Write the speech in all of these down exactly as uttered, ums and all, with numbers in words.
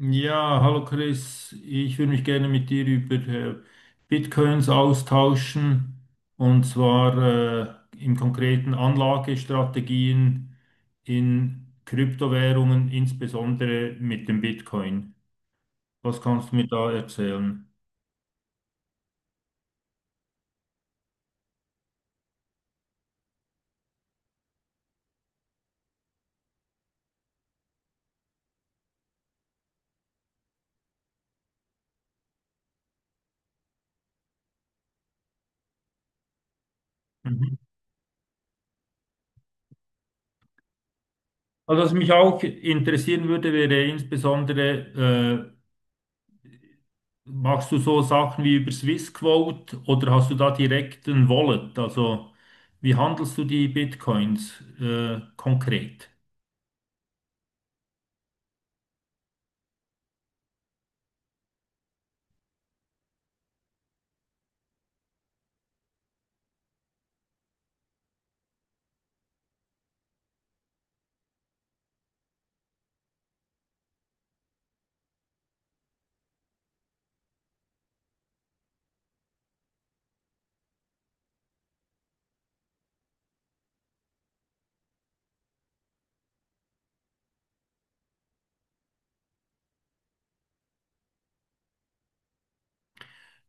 Ja, hallo Chris, ich würde mich gerne mit dir über äh, Bitcoins austauschen, und zwar äh, im konkreten Anlagestrategien in Kryptowährungen, insbesondere mit dem Bitcoin. Was kannst du mir da erzählen? Mhm. Also was mich auch interessieren würde, wäre insbesondere: Machst du so Sachen wie über Swissquote oder hast du da direkt ein Wallet? Also wie handelst du die Bitcoins äh, konkret?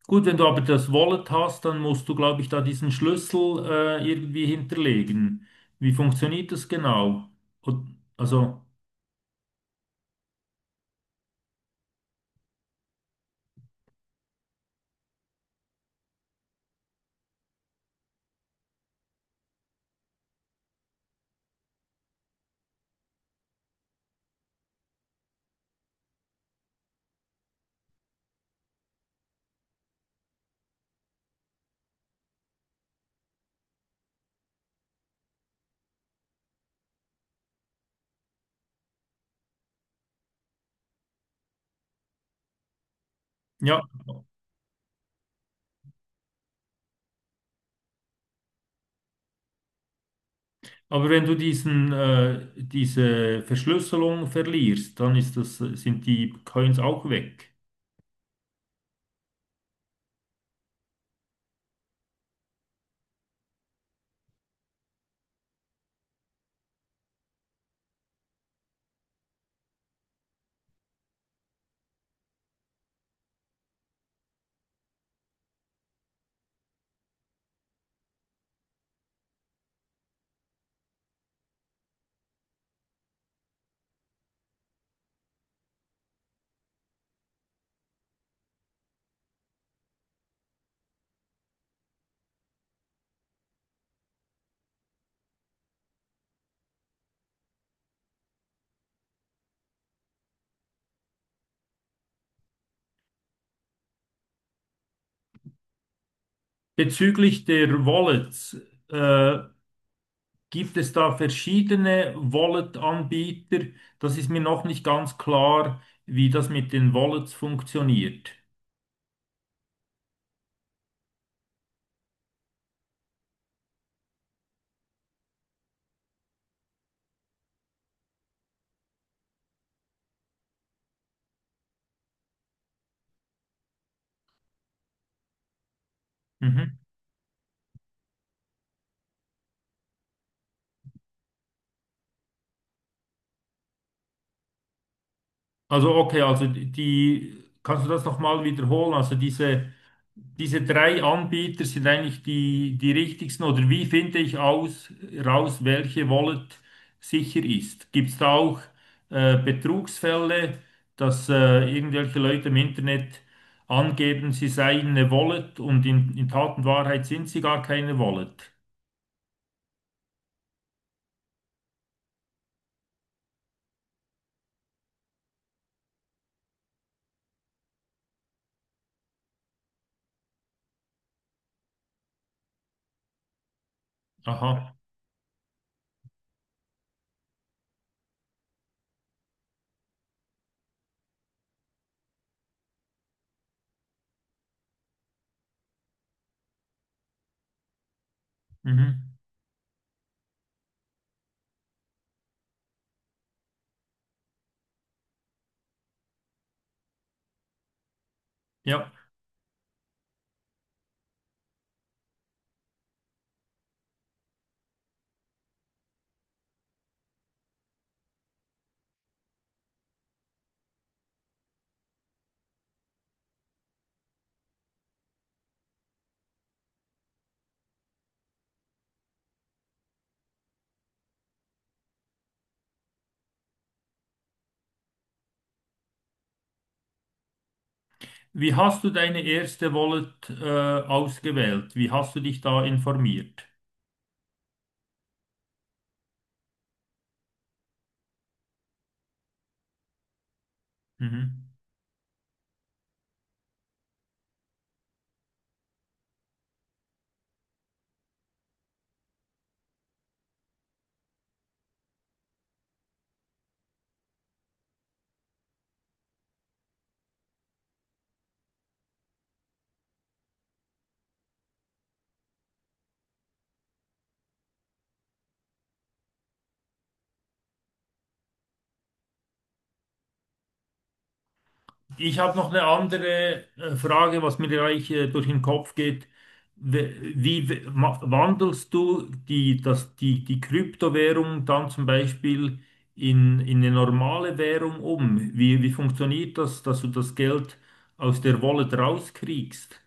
Gut, wenn du aber das Wallet hast, dann musst du, glaube ich, da diesen Schlüssel äh, irgendwie hinterlegen. Wie funktioniert das genau? Und, also ja, aber wenn du diesen äh, diese Verschlüsselung verlierst, dann ist das, sind die Coins auch weg. Bezüglich der Wallets. Äh, Gibt es da verschiedene Wallet-Anbieter? Das ist mir noch nicht ganz klar, wie das mit den Wallets funktioniert. Mhm. Also okay, also die, kannst du das nochmal wiederholen? Also diese diese drei Anbieter sind eigentlich die, die richtigsten. Oder wie finde ich aus, raus, welche Wallet sicher ist? Gibt es da auch äh, Betrugsfälle, dass äh, irgendwelche Leute im Internet angeben, sie seien eine Wallet und in, in Tat und Wahrheit sind sie gar keine Wallet? Aha. Mhm. Ja. Wie hast du deine erste Wallet äh, ausgewählt? Wie hast du dich da informiert? Mhm. Ich habe noch eine andere äh, Frage, was mir gleich äh, durch den Kopf geht. W- Wie w- ma- wandelst du die, das, die, die Kryptowährung dann zum Beispiel in, in eine normale Währung um? Wie, wie funktioniert das, dass du das Geld aus der Wallet rauskriegst?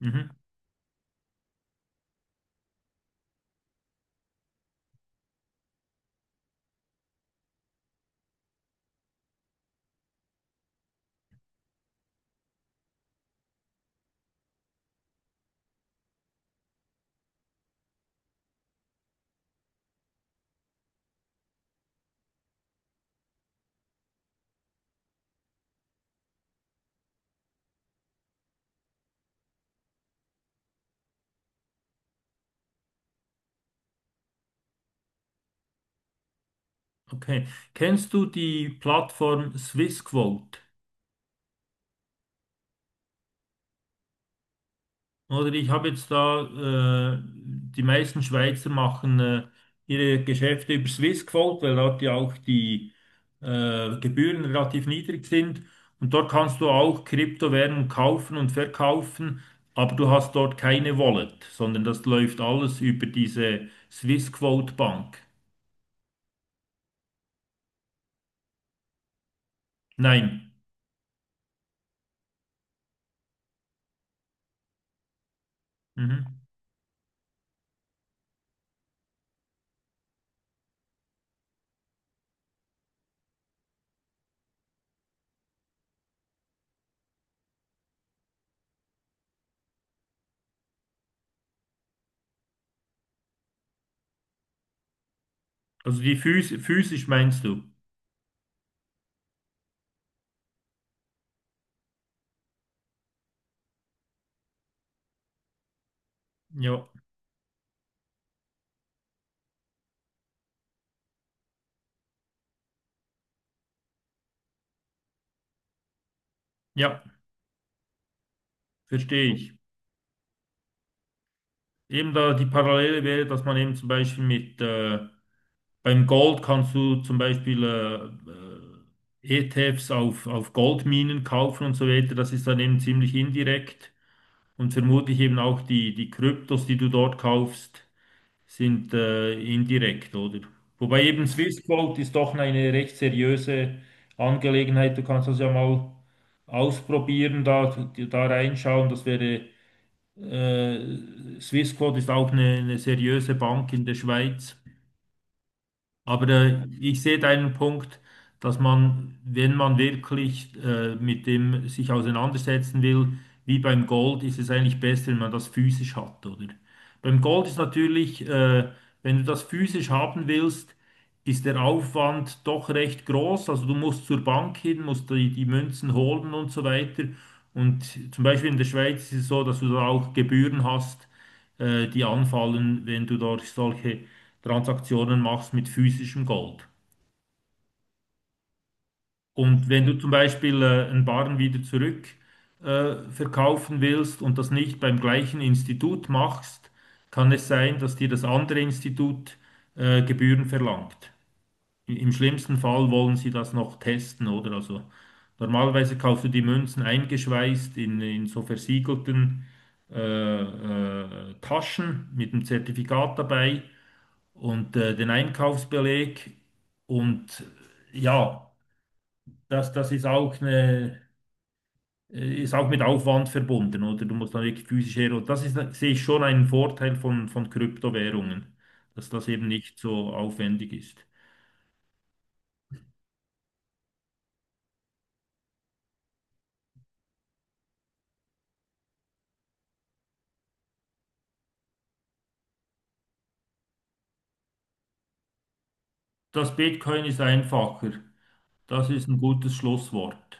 Mhm, okay. Kennst du die Plattform SwissQuote? Oder ich habe jetzt da, äh, die meisten Schweizer machen äh, ihre Geschäfte über Swissquote, weil dort ja auch die äh, Gebühren relativ niedrig sind. Und dort kannst du auch Kryptowährungen kaufen und verkaufen, aber du hast dort keine Wallet, sondern das läuft alles über diese Swissquote Bank. Nein. Mhm. Also die phys physisch meinst du? Ja, ja, verstehe ich. Eben da die Parallele wäre, dass man eben zum Beispiel mit äh, beim Gold kannst du zum Beispiel äh, äh, E T Fs auf, auf Goldminen kaufen und so weiter. Das ist dann eben ziemlich indirekt. Und vermutlich eben auch die, die Kryptos, die du dort kaufst, sind äh, indirekt, oder? Wobei eben Swiss Gold ist doch eine recht seriöse Angelegenheit. Du kannst das ja mal ausprobieren, da, da reinschauen. Das wäre, äh, Swissquote ist auch eine, eine seriöse Bank in der Schweiz. Aber äh, ich sehe deinen Punkt, dass man, wenn man wirklich äh, mit dem sich auseinandersetzen will, wie beim Gold, ist es eigentlich besser, wenn man das physisch hat, oder? Beim Gold ist natürlich, äh, wenn du das physisch haben willst, ist der Aufwand doch recht groß. Also du musst zur Bank hin, musst die, die Münzen holen und so weiter. Und zum Beispiel in der Schweiz ist es so, dass du da auch Gebühren hast, äh, die anfallen, wenn du dort solche Transaktionen machst mit physischem Gold. Und wenn du zum Beispiel äh, einen Barren wieder zurück äh, verkaufen willst und das nicht beim gleichen Institut machst, kann es sein, dass dir das andere Institut äh, Gebühren verlangt. I- Im schlimmsten Fall wollen sie das noch testen, oder? Also normalerweise kaufst du die Münzen eingeschweißt in, in so versiegelten äh, äh, Taschen mit einem Zertifikat dabei und äh, den Einkaufsbeleg und ja, das, das ist auch eine, äh, ist auch mit Aufwand verbunden, oder? Du musst dann wirklich physisch her. Und das ist, sehe ich schon einen Vorteil von, von Kryptowährungen, dass das eben nicht so aufwendig ist. Das Bitcoin ist einfacher. Das ist ein gutes Schlusswort.